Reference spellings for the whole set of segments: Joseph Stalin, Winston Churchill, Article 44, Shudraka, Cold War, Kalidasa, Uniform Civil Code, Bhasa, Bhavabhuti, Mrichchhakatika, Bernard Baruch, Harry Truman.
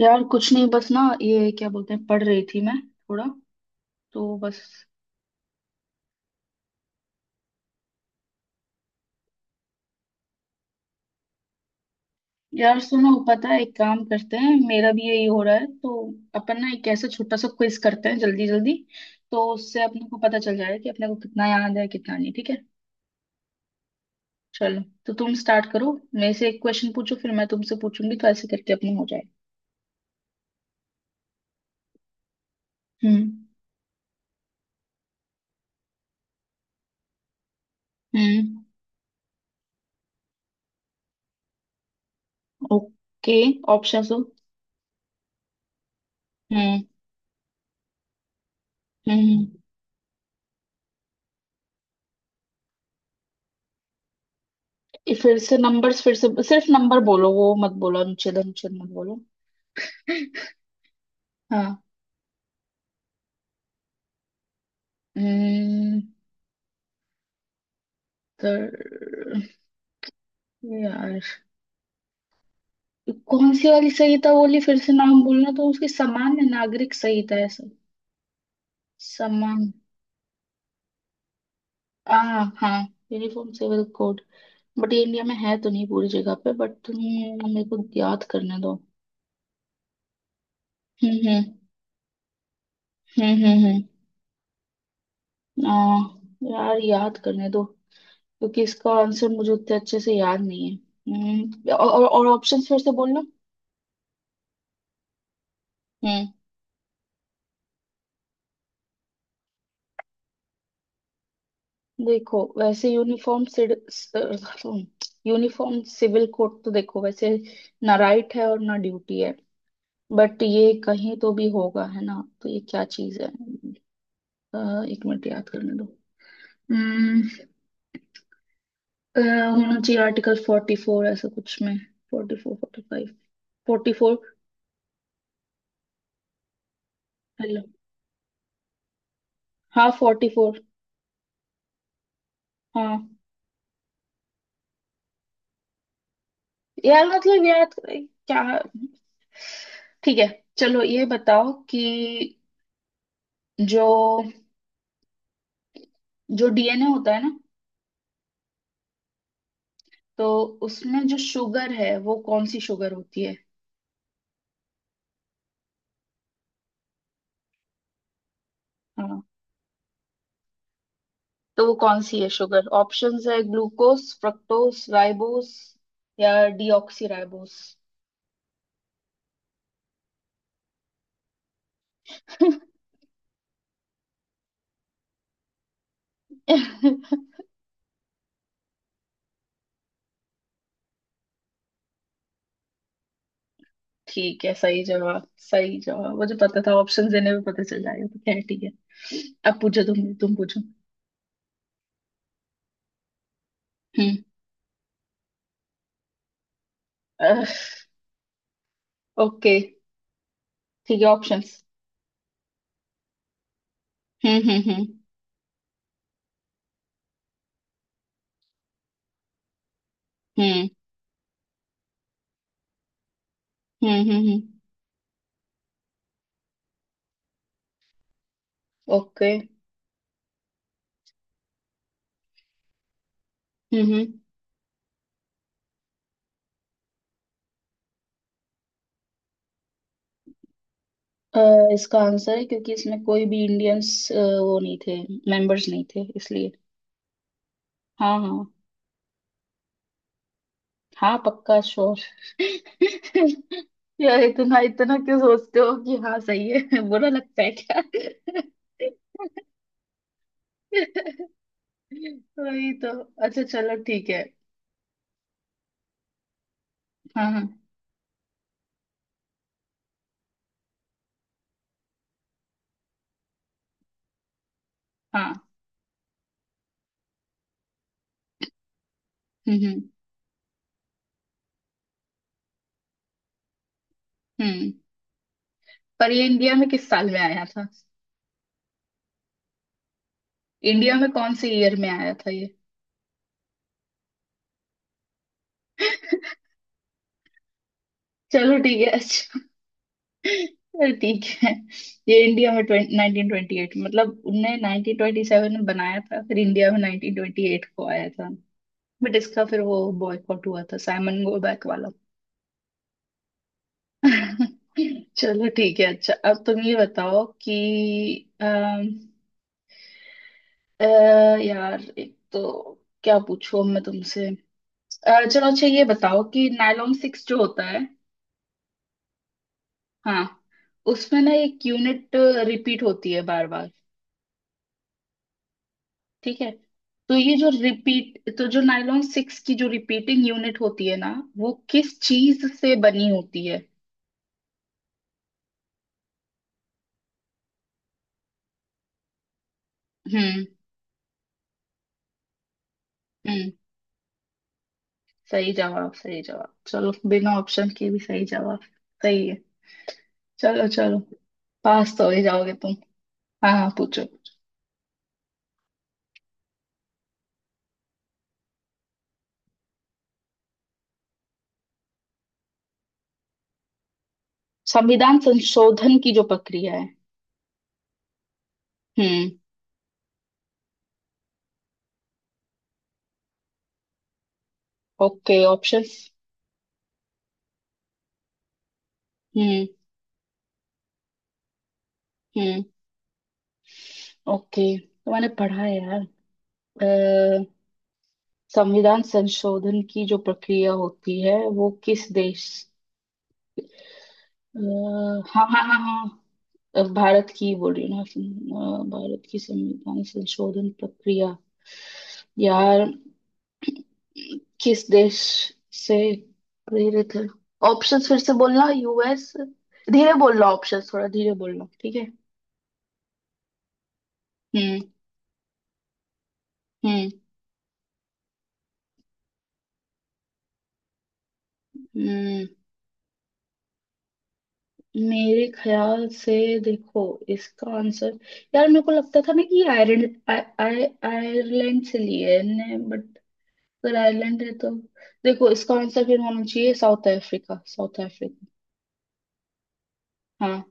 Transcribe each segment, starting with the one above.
यार कुछ नहीं, बस ना, ये क्या बोलते हैं, पढ़ रही थी मैं, थोड़ा, तो बस। यार सुनो, पता है, एक काम करते हैं, मेरा भी यही हो रहा है। तो अपन ना एक ऐसा छोटा सा क्विज करते हैं, जल्दी जल्दी। तो उससे अपने को पता चल जाएगा कि अपने को कितना याद है, कितना नहीं। ठीक है? चलो। तो तुम स्टार्ट करो, मेरे से एक क्वेश्चन पूछो, फिर मैं तुमसे पूछूंगी। तो ऐसे करके अपना हो जाएगा। हम्म। हम्म। ओके। ऑप्शन हो? हम्म। हम्म। ये फिर से नंबर्स, फिर से सिर्फ नंबर बोलो। वो मत बोलो, अनुच्छेद अनुच्छेद मत बोलो। हाँ। हम्म, तर यार, कौन सी वाली संहिता बोली? फिर से नाम बोलना। तो उसकी सामान्य नागरिक संहिता है, सर? सामान्य। हाँ हाँ, यूनिफॉर्म सिविल कोड। बट ये इंडिया में है तो नहीं पूरी जगह पे। बट तुम मेरे को याद करने दो। हम्म। हम्म। हम्म। हम्म। हम्म। आ, यार, याद करने दो, क्योंकि इसका आंसर मुझे उतने अच्छे से याद नहीं है। और ऑप्शंस फिर से बोलना। हम्म। देखो वैसे यूनिफॉर्म, यूनिफॉर्म सिविल कोड, तो देखो वैसे ना राइट है और ना ड्यूटी है। बट ये कहीं तो भी होगा है ना? तो ये क्या चीज है? एक मिनट, याद करने दो। हम्म, होना चाहिए आर्टिकल फोर्टी फोर, ऐसा कुछ में। Forty four, forty five. Forty four. Hello? हाँ, फोर्टी फोर। हाँ यार, मतलब याद क्या। ठीक है, चलो ये बताओ कि, जो जो डीएनए होता है ना, तो उसमें जो शुगर है वो कौन सी शुगर होती है? हाँ, तो वो कौन सी है शुगर? ऑप्शंस है: ग्लूकोस, फ्रक्टोस, राइबोस, या डीऑक्सी राइबोस। ठीक है, सही जवाब सही जवाब, मुझे पता था ऑप्शन देने में पता चल जाएगा, तो खैर ठीक है। अब पूछो, तुम पूछो। हम्म। ओके, ठीक है, ऑप्शंस। हम्म। हम्म। हम्म। हम्म। हम्म। हम्म। ओके। हम्म। Okay, हम्म, हम्म, अ, इसका आंसर है क्योंकि इसमें कोई भी इंडियंस वो नहीं थे, मेंबर्स नहीं थे इसलिए। हाँ हाँ। हाँ, पक्का श्योर। यार, इतना इतना क्यों सोचते हो कि हाँ सही है? बुरा लगता है क्या? वही तो। अच्छा चलो ठीक है। हाँ हाँ हाँ। हम्म हम्म हम्म। पर ये इंडिया में किस साल में आया था? इंडिया में कौन से ईयर में आया था ये? चलो ठीक है, अच्छा। अरे ठीक है। ये इंडिया में नाइनटीन ट्वेंटी एट, मतलब उनने नाइनटीन ट्वेंटी सेवन में बनाया था, फिर इंडिया में नाइनटीन ट्वेंटी एट को आया था। बट इसका फिर वो बॉयकॉट हुआ था, साइमन गो बैक वाला। चलो ठीक है, अच्छा। अब तुम ये बताओ कि, अम, अ, यार एक तो क्या पूछूं अब मैं तुमसे। चलो अच्छा, ये बताओ कि नायलॉन सिक्स जो होता है। हाँ, उसमें ना एक यूनिट रिपीट होती है बार बार, ठीक है? तो ये जो रिपीट, तो जो नायलॉन सिक्स की जो रिपीटिंग यूनिट होती है ना, वो किस चीज से बनी होती है? हम्म। हम्म, सही जवाब, सही जवाब, चलो बिना ऑप्शन के भी सही जवाब। सही है। चलो चलो। पास तो हो ही जाओगे तुम। हाँ हाँ, पूछो। संविधान संशोधन की जो प्रक्रिया है। हम्म। Okay, options. हम्म। हम्म। ओके, तो मैंने पढ़ा है यार, अ, संविधान संशोधन की जो प्रक्रिया होती है वो किस देश, अ, हाँ हाँ हाँ हाँ, भारत की बोल रही हूँ ना, भारत की संविधान संशोधन प्रक्रिया यार, किस देश से प्रेरित है? ऑप्शंस फिर से बोलना। यूएस। धीरे बोलना, ऑप्शंस थोड़ा धीरे बोलना, ठीक है? हम्म। हम्म। हम्म। मेरे ख्याल से, देखो, इसका आंसर, यार मेरे को लगता था ना कि आयरलैंड, आय, आय, आयरलैंड से लिए है। बट अगर आयरलैंड है तो, देखो इसका आंसर फिर होना चाहिए साउथ अफ्रीका, साउथ अफ्रीका। हाँ।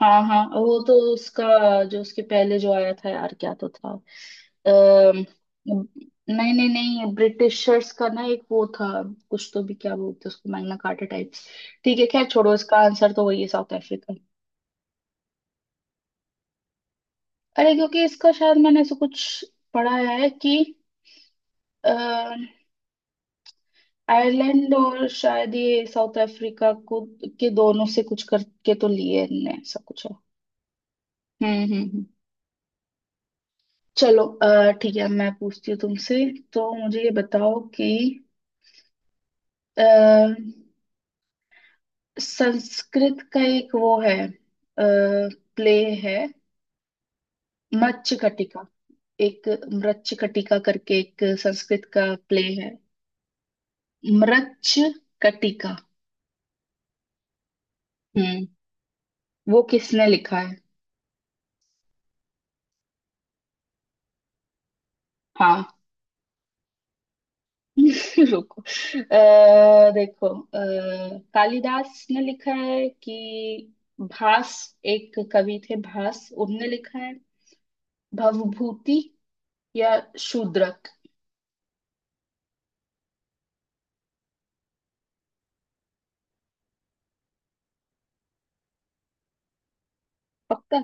हाँ हाँ, वो तो उसका, जो उसके पहले जो आया था यार क्या तो था, अम, नहीं नहीं नहीं, ब्रिटिशर्स का ना एक वो था, कुछ तो भी क्या बोलते हैं उसको, मैग्ना कार्टा टाइप। ठीक है खैर छोड़ो, इसका आंसर तो वही है, साउथ अफ्रीका। अरे क्योंकि इसका शायद मैंने ऐसा कुछ पढ़ा है कि आयरलैंड और शायद ये साउथ अफ्रीका को, के दोनों से कुछ करके तो लिए इनने, ऐसा कुछ है। हम्म हम्म हम्म। चलो ठीक है, मैं पूछती हूँ तुमसे। तो मुझे ये बताओ कि, अ, संस्कृत का एक वो है, प्ले है, मृच्छकटिका, एक मृच्छकटिका करके एक संस्कृत का प्ले है, मृच्छकटिका। हम्म, वो किसने लिखा है? हाँ। रुको, अः देखो, अः कालिदास ने लिखा है, कि भास, एक कवि थे भास, उनने लिखा है, भवभूति, या शूद्रक? पक्का।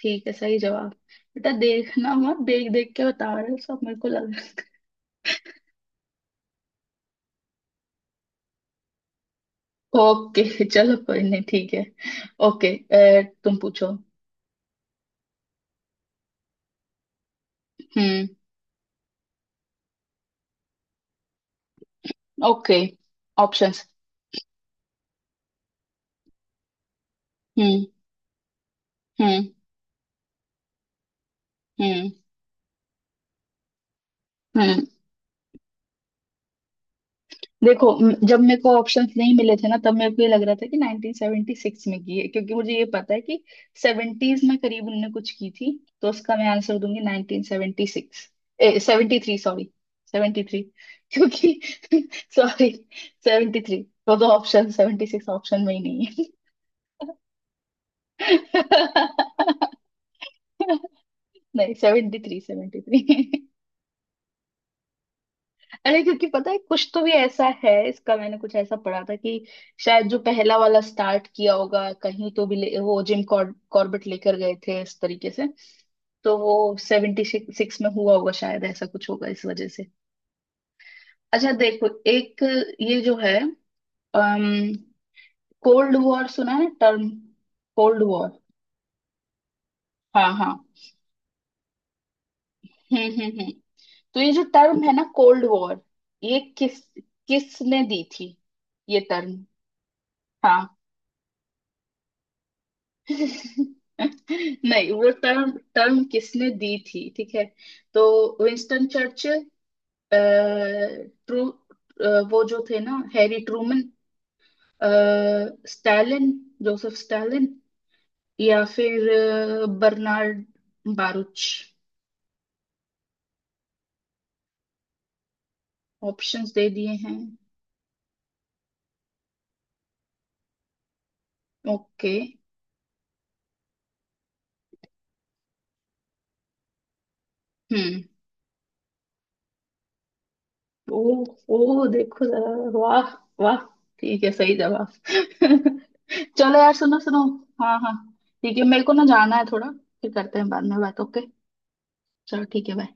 ठीक है, सही जवाब। बेटा देखना मत, देख देख के बता रहे हो सब मेरे को लग रहा है। ओके चलो कोई नहीं ठीक है। ओके, तुम पूछो। हम्म। Okay, options. हम्म। हम्म। हम्म। हम्म। देखो जब मेरे को ऑप्शंस नहीं मिले थे ना, तब मेरे को ये लग रहा था कि 1976 में की है, क्योंकि मुझे ये पता है कि 70s में करीब उनने कुछ की थी। तो उसका मैं आंसर दूंगी 1976। ए 73, सॉरी, 73। क्योंकि सॉरी, 73 तो दो ऑप्शन, 76 ऑप्शन में ही नहीं है। नहीं, 73, 73। अरे क्योंकि पता है कुछ तो भी ऐसा है इसका, मैंने कुछ ऐसा पढ़ा था कि, शायद जो पहला वाला स्टार्ट किया होगा कहीं तो भी वो जिम कॉर्बेट लेकर गए थे इस तरीके से। तो वो सेवेंटी सिक्स में हुआ होगा शायद, ऐसा कुछ होगा इस वजह से। अच्छा देखो एक, ये जो है, अम कोल्ड वॉर सुना है टर्म? Cold war. हाँ हाँ। हम्म। तो ये जो टर्म है ना कोल्ड वॉर, ये किस, किसने दी थी ये टर्म? हाँ। नहीं, वो टर्म, टर्म किसने दी थी, ठीक है। तो, विंस्टन चर्चिल, ट्रू, वो जो थे ना Harry Truman, Stalin, Joseph Stalin, या फिर बर्नार्ड बारुच। ऑप्शंस दे दिए हैं। ओके। हम्म। ओ, ओ देखो जरा, वाह, वाह, ठीक है सही जवाब। चलो यार, सुनो सुनो। हाँ हाँ। ठीक है, मेरे को ना जाना है थोड़ा, फिर करते हैं बाद में बात, ओके? चलो ठीक है, बाय।